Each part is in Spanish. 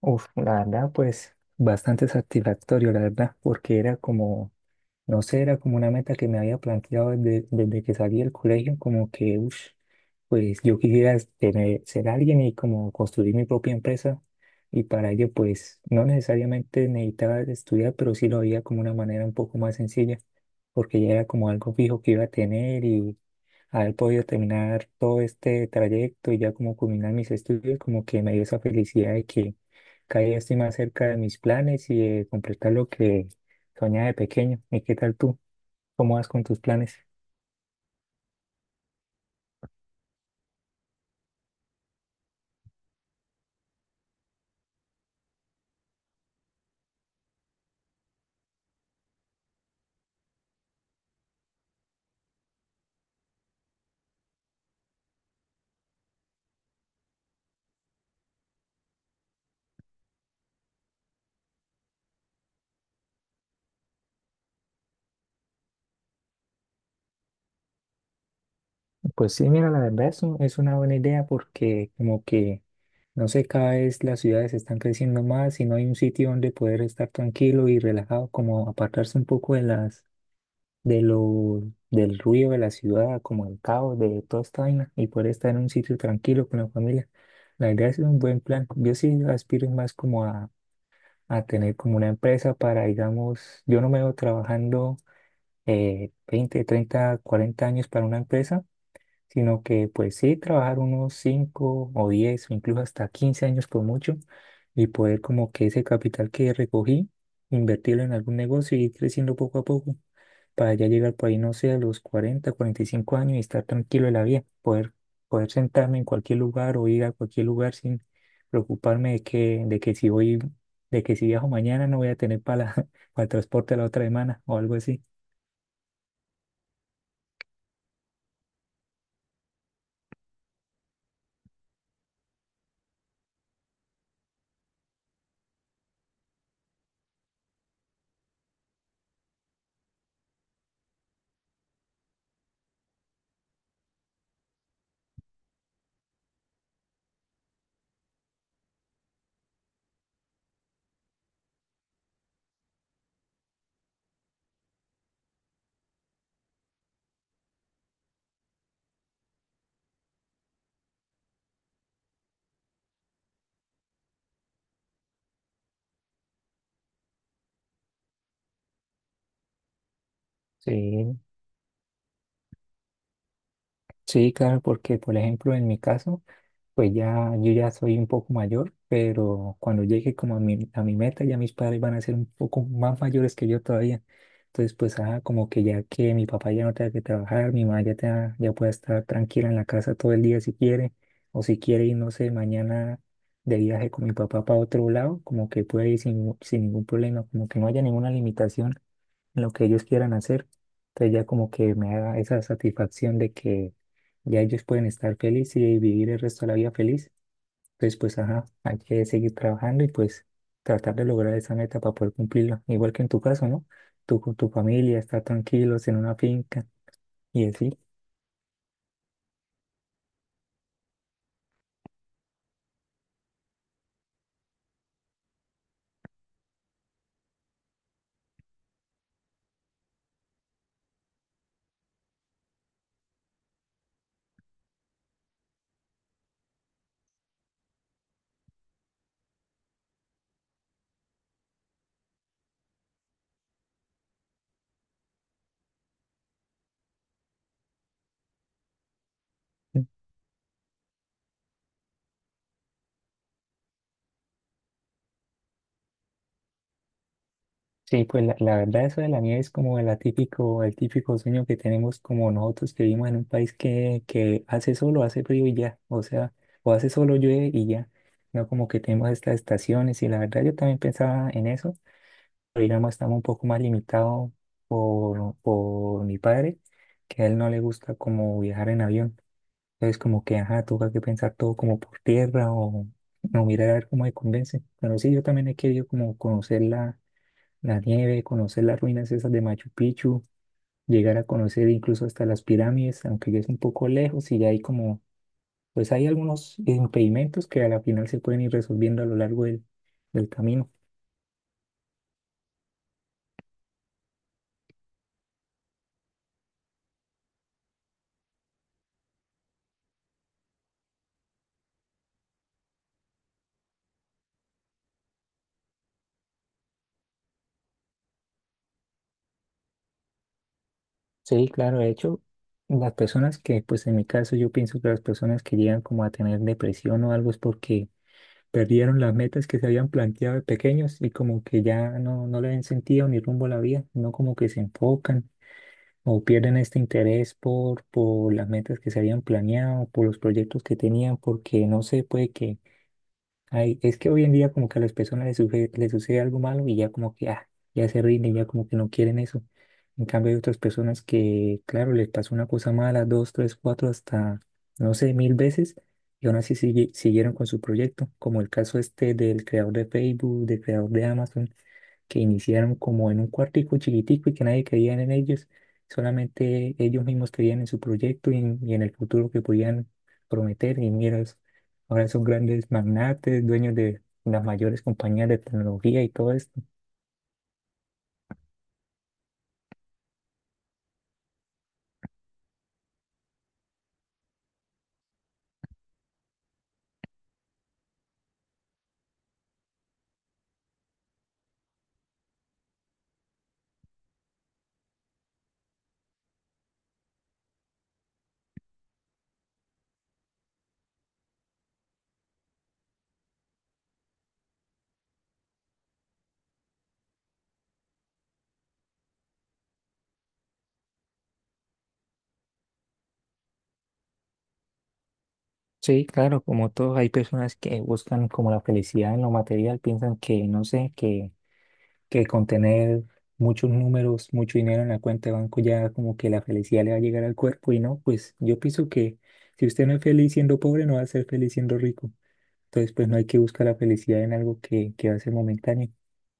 Uf, la verdad, pues bastante satisfactorio, la verdad, porque era como, no sé, era como una meta que me había planteado desde que salí del colegio, como que, uff, pues yo quisiera ser alguien y como construir mi propia empresa. Y para ello, pues no necesariamente necesitaba estudiar, pero sí lo veía como una manera un poco más sencilla, porque ya era como algo fijo que iba a tener haber podido terminar todo este trayecto y ya como culminar mis estudios, como que me dio esa felicidad de que cada día estoy más cerca de mis planes y de completar lo que soñaba de pequeño. ¿Y qué tal tú? ¿Cómo vas con tus planes? Pues sí, mira, la verdad es, es una buena idea porque como que, no sé, cada vez las ciudades están creciendo más y no hay un sitio donde poder estar tranquilo y relajado, como apartarse un poco de las de lo, del ruido de la ciudad, como el caos de toda esta vaina, y poder estar en un sitio tranquilo con la familia. La verdad es un buen plan. Yo sí aspiro más como a tener como una empresa para, digamos, yo no me veo trabajando 20 30 40 años para una empresa sino que pues sí, trabajar unos 5 o 10 o incluso hasta 15 años por mucho y poder como que ese capital que recogí, invertirlo en algún negocio y ir creciendo poco a poco para ya llegar por ahí, no sé, a los 40 45 años y estar tranquilo en la vida, poder sentarme en cualquier lugar o ir a cualquier lugar sin preocuparme de que si viajo mañana no voy a tener para, para el transporte la otra semana o algo así. Sí, sí, claro, porque por ejemplo en mi caso, pues ya, yo ya soy un poco mayor, pero cuando llegue como a mi meta, ya mis padres van a ser un poco más mayores que yo todavía. Entonces, pues, ah, como que ya que mi papá ya no tenga que trabajar, mi mamá ya, ya pueda estar tranquila en la casa todo el día si quiere, o si quiere ir, no sé, mañana de viaje con mi papá para otro lado, como que puede ir sin ningún problema, como que no haya ninguna limitación en lo que ellos quieran hacer. Entonces ya como que me da esa satisfacción de que ya ellos pueden estar felices y vivir el resto de la vida feliz. Entonces pues ajá, hay que seguir trabajando y pues tratar de lograr esa meta para poder cumplirla. Igual que en tu caso, ¿no? Tú con tu familia, estar tranquilos en una finca y así. Sí, pues la verdad eso de la nieve es como el atípico, el típico sueño que tenemos como nosotros que vivimos en un país que hace solo, hace frío y ya, o sea, o hace solo llueve y ya, no como que tenemos estas estaciones y la verdad yo también pensaba en eso, pero digamos estamos un poco más limitados por mi padre, que a él no le gusta como viajar en avión, entonces como que, ajá, toca que pensar todo como por tierra o no mirar a ver cómo me convence, pero sí, yo también he querido como conocerla la nieve, conocer las ruinas esas de Machu Picchu, llegar a conocer incluso hasta las pirámides, aunque ya es un poco lejos y ya hay como, pues hay algunos impedimentos que a la final se pueden ir resolviendo a lo largo del camino. Sí, claro, de hecho, pues en mi caso yo pienso que las personas que llegan como a tener depresión o algo es porque perdieron las metas que se habían planteado de pequeños y como que ya no le ven sentido ni rumbo a la vida, no como que se enfocan o pierden este interés por las metas que se habían planeado, por los proyectos que tenían, porque no sé, puede que, ay, es que hoy en día como que a las personas les sucede algo malo y ya como que ah, ya se rinden, ya como que no quieren eso. En cambio hay otras personas que, claro, les pasó una cosa mala, dos, tres, cuatro, hasta, no sé, 1.000 veces y aún así siguieron con su proyecto, como el caso este del creador de Facebook, del creador de Amazon, que iniciaron como en un cuartico chiquitico y que nadie creía en ellos, solamente ellos mismos creían en su proyecto y en el futuro que podían prometer y mira. Ahora son grandes magnates, dueños de las mayores compañías de tecnología y todo esto. Sí, claro. Como todos, hay personas que buscan como la felicidad en lo material, piensan que, no sé, que con tener muchos números, mucho dinero en la cuenta de banco ya como que la felicidad le va a llegar al cuerpo y no, pues yo pienso que si usted no es feliz siendo pobre, no va a ser feliz siendo rico. Entonces, pues no hay que buscar la felicidad en algo que va a ser momentáneo. En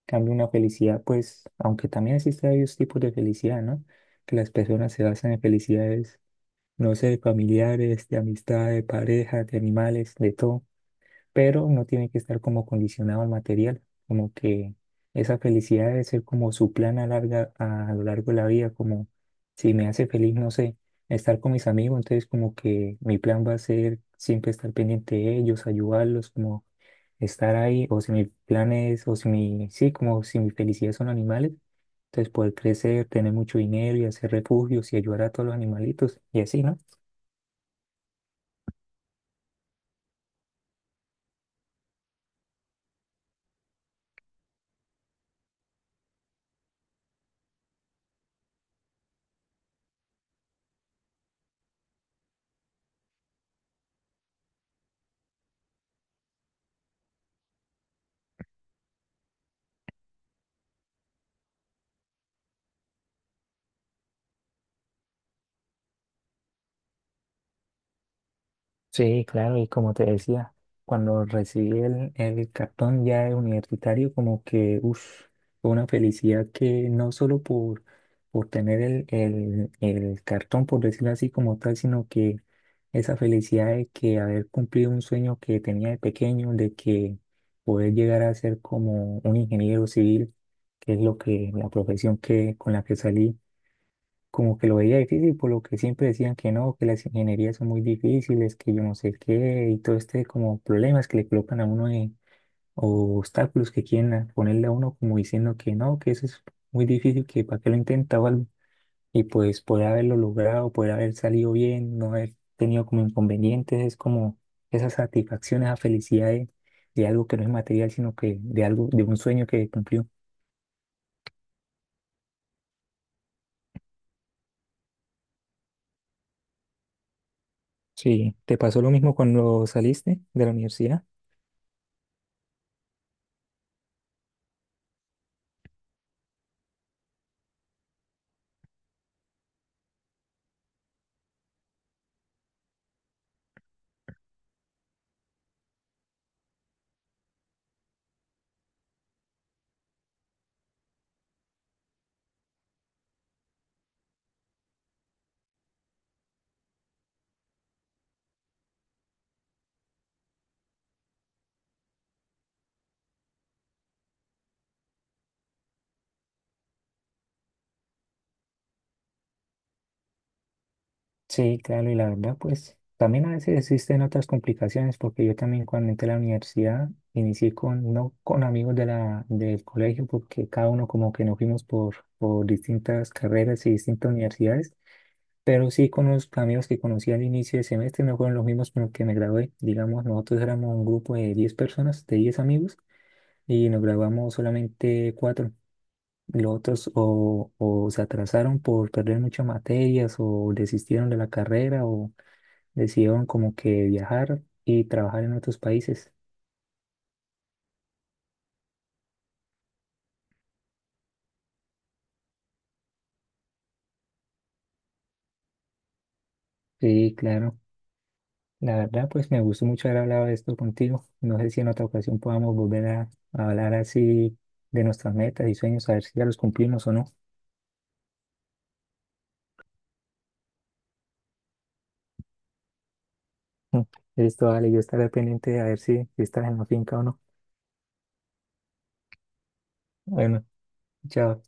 cambio, una felicidad, pues, aunque también existen varios tipos de felicidad, ¿no? Que las personas se basan en felicidades, no sé, familiares, de amistad, de pareja, de animales, de todo, pero no tiene que estar como condicionado al material, como que esa felicidad debe ser como su plan a larga, a lo largo de la vida, como si me hace feliz, no sé, estar con mis amigos, entonces como que mi plan va a ser siempre estar pendiente de ellos, ayudarlos, como estar ahí, o si mis planes, o si mi, sí, como si mi felicidad son animales, entonces poder crecer, tener mucho dinero y hacer refugios y ayudar a todos los animalitos, y así, ¿no? Sí, claro, y como te decía, cuando recibí el, cartón ya de universitario, como que, uff, fue una felicidad que no solo por tener el cartón, por decirlo así como tal, sino que esa felicidad de que haber cumplido un sueño que tenía de pequeño, de que poder llegar a ser como un ingeniero civil, que es lo que, la profesión que, con la que salí como que lo veía difícil, por lo que siempre decían que no, que las ingenierías son muy difíciles, que yo no sé qué, y todo este como problemas que le colocan a uno o obstáculos que quieren ponerle a uno como diciendo que no, que eso es muy difícil, que para qué lo intenta o algo. Y pues poder haberlo logrado, poder haber salido bien, no haber tenido como inconvenientes, es como esa satisfacción, esa felicidad de algo que no es material, sino que de algo, de un sueño que cumplió. Sí, ¿te pasó lo mismo cuando saliste de la universidad? Sí, claro, y la verdad, pues también a veces existen otras complicaciones, porque yo también cuando entré a la universidad inicié con, no con amigos del colegio, porque cada uno como que nos fuimos por distintas carreras y distintas universidades, pero sí con los amigos que conocí al inicio de semestre, no fueron los mismos con los que me gradué. Digamos, nosotros éramos un grupo de 10 personas, de 10 amigos, y nos graduamos solamente cuatro. Los otros o se atrasaron por perder muchas materias o desistieron de la carrera o decidieron como que viajar y trabajar en otros países. Sí, claro. La verdad, pues me gustó mucho haber hablado de esto contigo. No sé si en otra ocasión podamos volver a, hablar así de nuestras metas y sueños, a ver si ya los cumplimos o no. Listo, vale, yo estaré pendiente a ver si, estás en la finca o no. Bueno, chao.